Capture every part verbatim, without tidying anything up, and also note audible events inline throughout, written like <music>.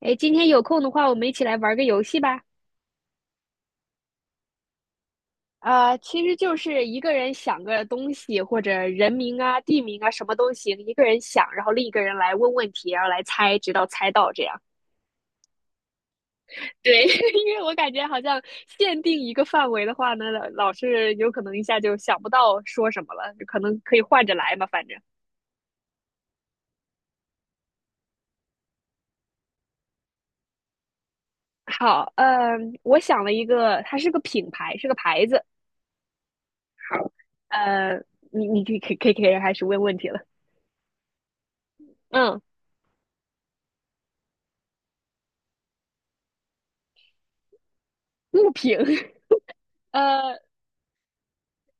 哎，今天有空的话，我们一起来玩个游戏吧。呃，其实就是一个人想个东西或者人名啊、地名啊，什么都行，一个人想，然后另一个人来问问题，然后来猜，直到猜到这样。对，<laughs> 因为我感觉好像限定一个范围的话呢，老是有可能一下就想不到说什么了，可能可以换着来嘛，反正。好，嗯，我想了一个，它是个品牌，是个牌子。呃，你你可以可以可以可以开始问问题了。嗯，物品，<laughs> 呃，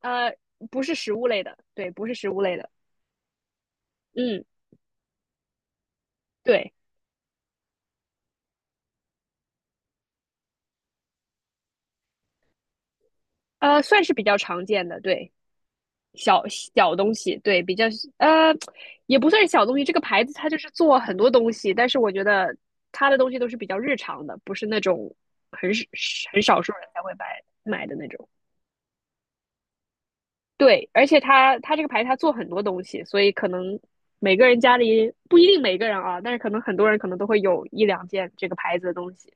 呃，不是食物类的，对，不是食物类的，嗯，对，呃，算是比较常见的，对，小小东西，对，比较呃，也不算是小东西。这个牌子它就是做很多东西，但是我觉得它的东西都是比较日常的，不是那种很少很少数人才会买买的那种。对，而且它它这个牌它做很多东西，所以可能每个人家里不一定每个人啊，但是可能很多人可能都会有一两件这个牌子的东西。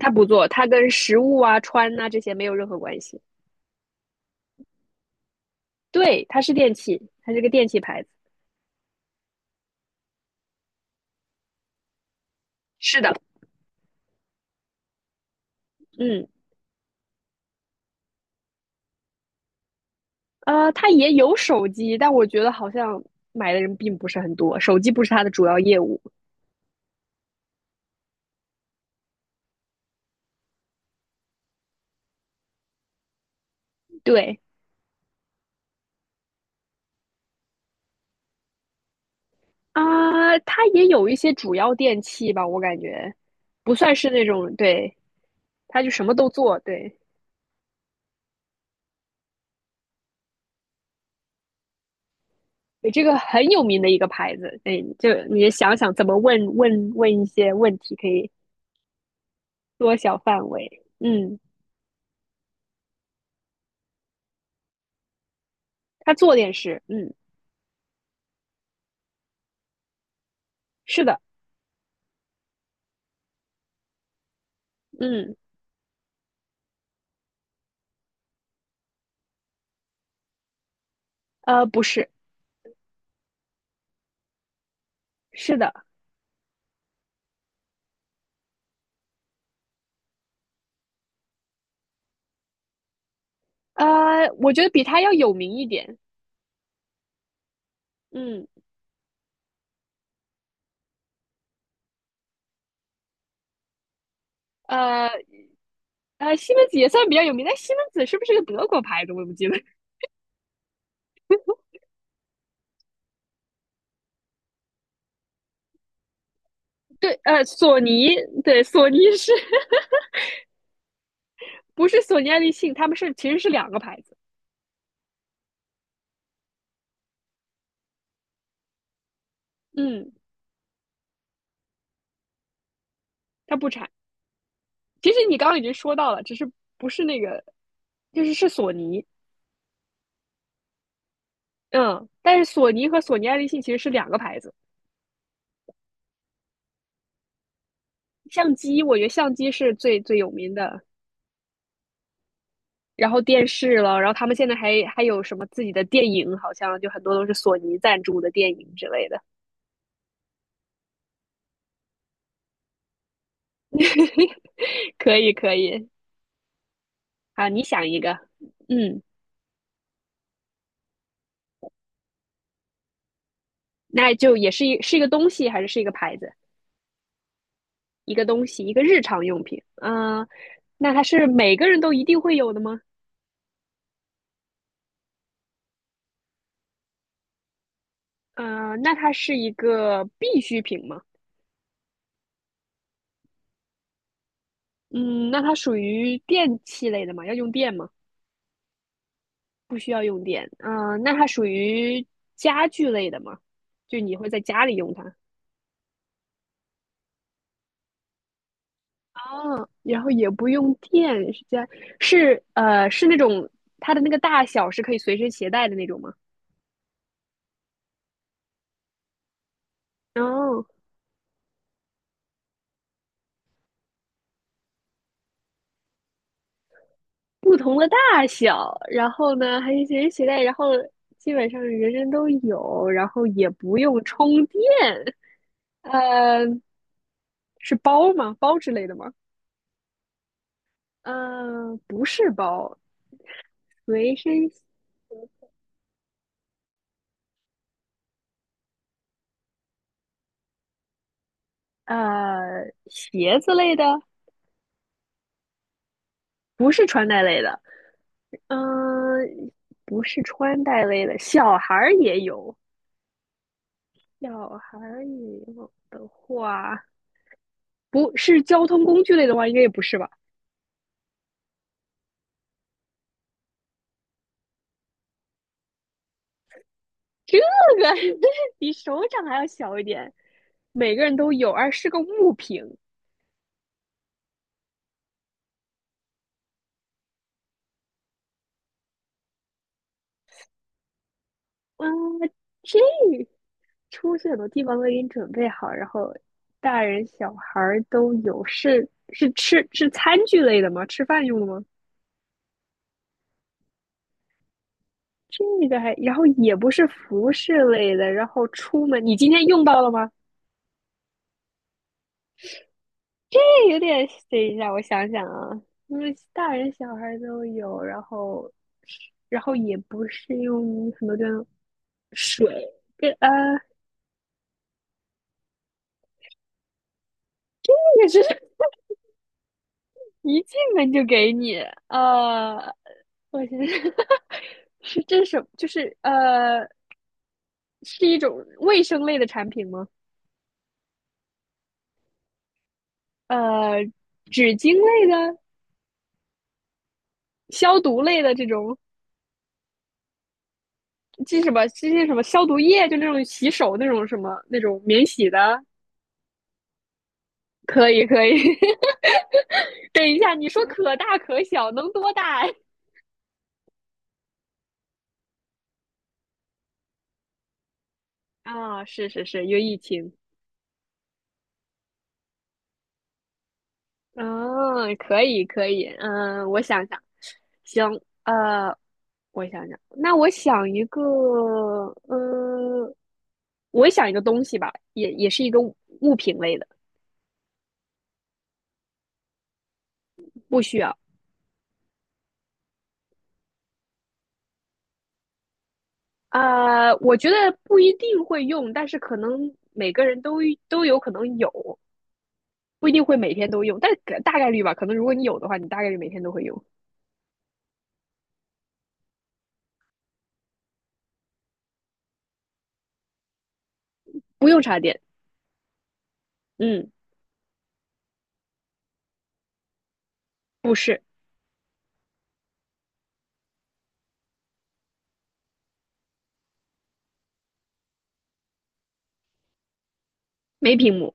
它不做，它跟食物啊、穿呐、这些没有任何关系。对，它是电器，它是个电器牌子。是的，嗯，呃，它也有手机，但我觉得好像买的人并不是很多，手机不是它的主要业务。对啊，它也有一些主要电器吧，我感觉不算是那种，对，它就什么都做，对。这个很有名的一个牌子，对，就你想想怎么问问问一些问题，可以缩小范围。嗯，它做电视，嗯，是的，嗯，呃，不是，是的，呃，我觉得比他要有名一点。嗯，呃，呃，西门子也算比较有名，但西门子是不是个德国牌子？我也不记得。<laughs> 对，呃，索尼，对，索尼是 <laughs> 不是索尼爱立信？他们是其实是两个牌子。嗯，它不产。其实你刚刚已经说到了，只是不是那个，就是是索尼。嗯，但是索尼和索尼爱立信其实是两个牌子。相机，我觉得相机是最最有名的。然后电视了，然后他们现在还还有什么自己的电影，好像就很多都是索尼赞助的电影之类的。<laughs> 可以可以，好，你想一个，嗯，那就也是一是一个东西还是是一个牌子？一个东西，一个日常用品。嗯，那它是每个人都一定会有的吗？嗯，那它是一个必需品吗？嗯，那它属于电器类的吗？要用电吗？不需要用电。嗯，那它属于家具类的吗？就你会在家里用它，然后也不用电，是家是呃是那种它的那个大小是可以随身携带的那种吗？哦，不同的大小，然后呢还是随身携带，然后基本上人人都有，然后也不用充电。呃，是包吗？包之类的吗？呃，不是包，随身呃鞋子类的。不是穿戴类的，嗯，呃不是穿戴类的，小孩儿也有，小孩儿也有的话，不是交通工具类的话，应该也不是吧？这个 <laughs> 比手掌还要小一点，每个人都有，而是个物品。嗯，呃这出去很多地方都给你准备好，然后大人小孩儿都有，是是吃是餐具类的吗？吃饭用的吗？这个还，然后也不是服饰类的，然后出门，你今天用到了吗？这有点，等一下，我想想啊，因为大人小孩都有，然后，然后也不是用很多地方水，跟呃，这个是一进门就给你，呃，我是 <laughs> 是这是什么？就是呃，是一种卫生类的产品吗？呃，纸巾类的、消毒类的这种。这什么这些什么消毒液，就那种洗手那种什么那种免洗的，可以可以 <laughs>。等一下，你说可大可小，能多大啊。哦，是是是，因为疫情。嗯，可以可以，嗯，我想想，行，呃，我想想，那我想一个，嗯，我想一个东西吧，也也是一个物品类的，不需要。啊，我觉得不一定会用，但是可能每个人都都有可能有，不一定会每天都用，但大概率吧。可能如果你有的话，你大概率每天都会用。不用插电，嗯，不是，没屏幕，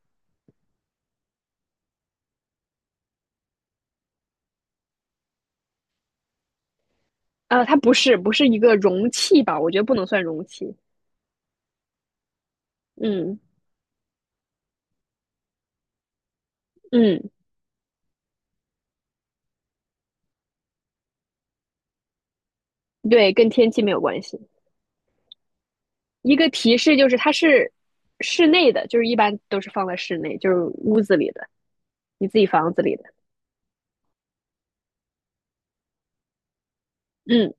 啊，它不是，不是一个容器吧？我觉得不能算容器。嗯嗯，对，跟天气没有关系。一个提示就是它是室内的，就是一般都是放在室内，就是屋子里的，你自己房子里的。嗯，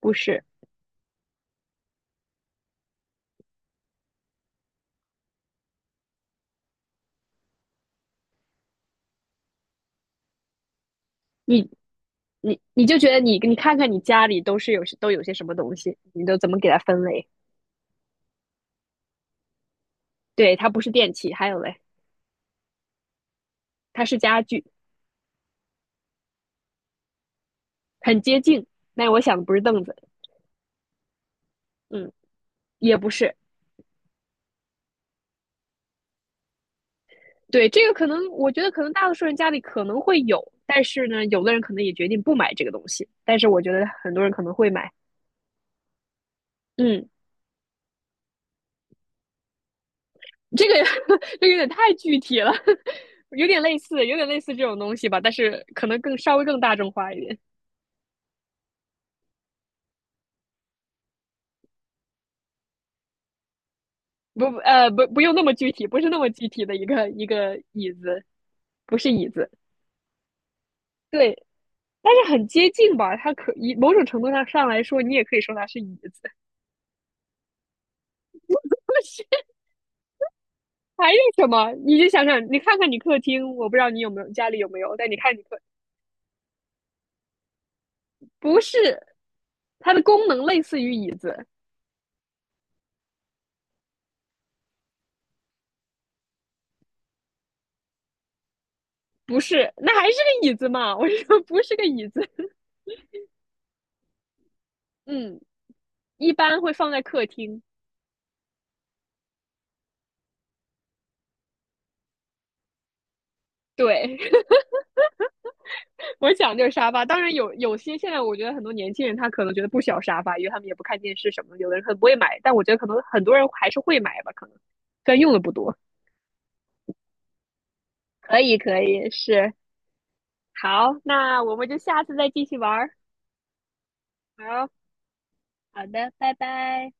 不是。你你你就觉得你你看看你家里都是有都有些什么东西，你都怎么给它分类？对，它不是电器，还有嘞。它是家具，很接近。那我想的不是凳子，嗯，也不是。对，这个可能我觉得可能大多数人家里可能会有，但是呢，有的人可能也决定不买这个东西，但是我觉得很多人可能会买。嗯，这个 <laughs> 这个有点太具体了，<laughs> 有点类似，有点类似这种东西吧，但是可能更稍微更大众化一点。不呃不不用那么具体，不是那么具体的一个一个椅子，不是椅子，对，但是很接近吧？它可以某种程度上上来说，你也可以说它是椅子。<laughs> 但是还有什么？你就想想，你看看你客厅，我不知道你有没有家里有没有，但你看你客不是，它的功能类似于椅子，不是，那还是个椅子嘛？我说不是个椅子，<laughs> 嗯，一般会放在客厅，对。我讲就是沙发，当然有有些现在我觉得很多年轻人他可能觉得不需要沙发，因为他们也不看电视什么的，有的人可能不会买，但我觉得可能很多人还是会买吧，可能虽然用的不多。可以可以，是好，那我们就下次再继续玩儿。好，好的，拜拜。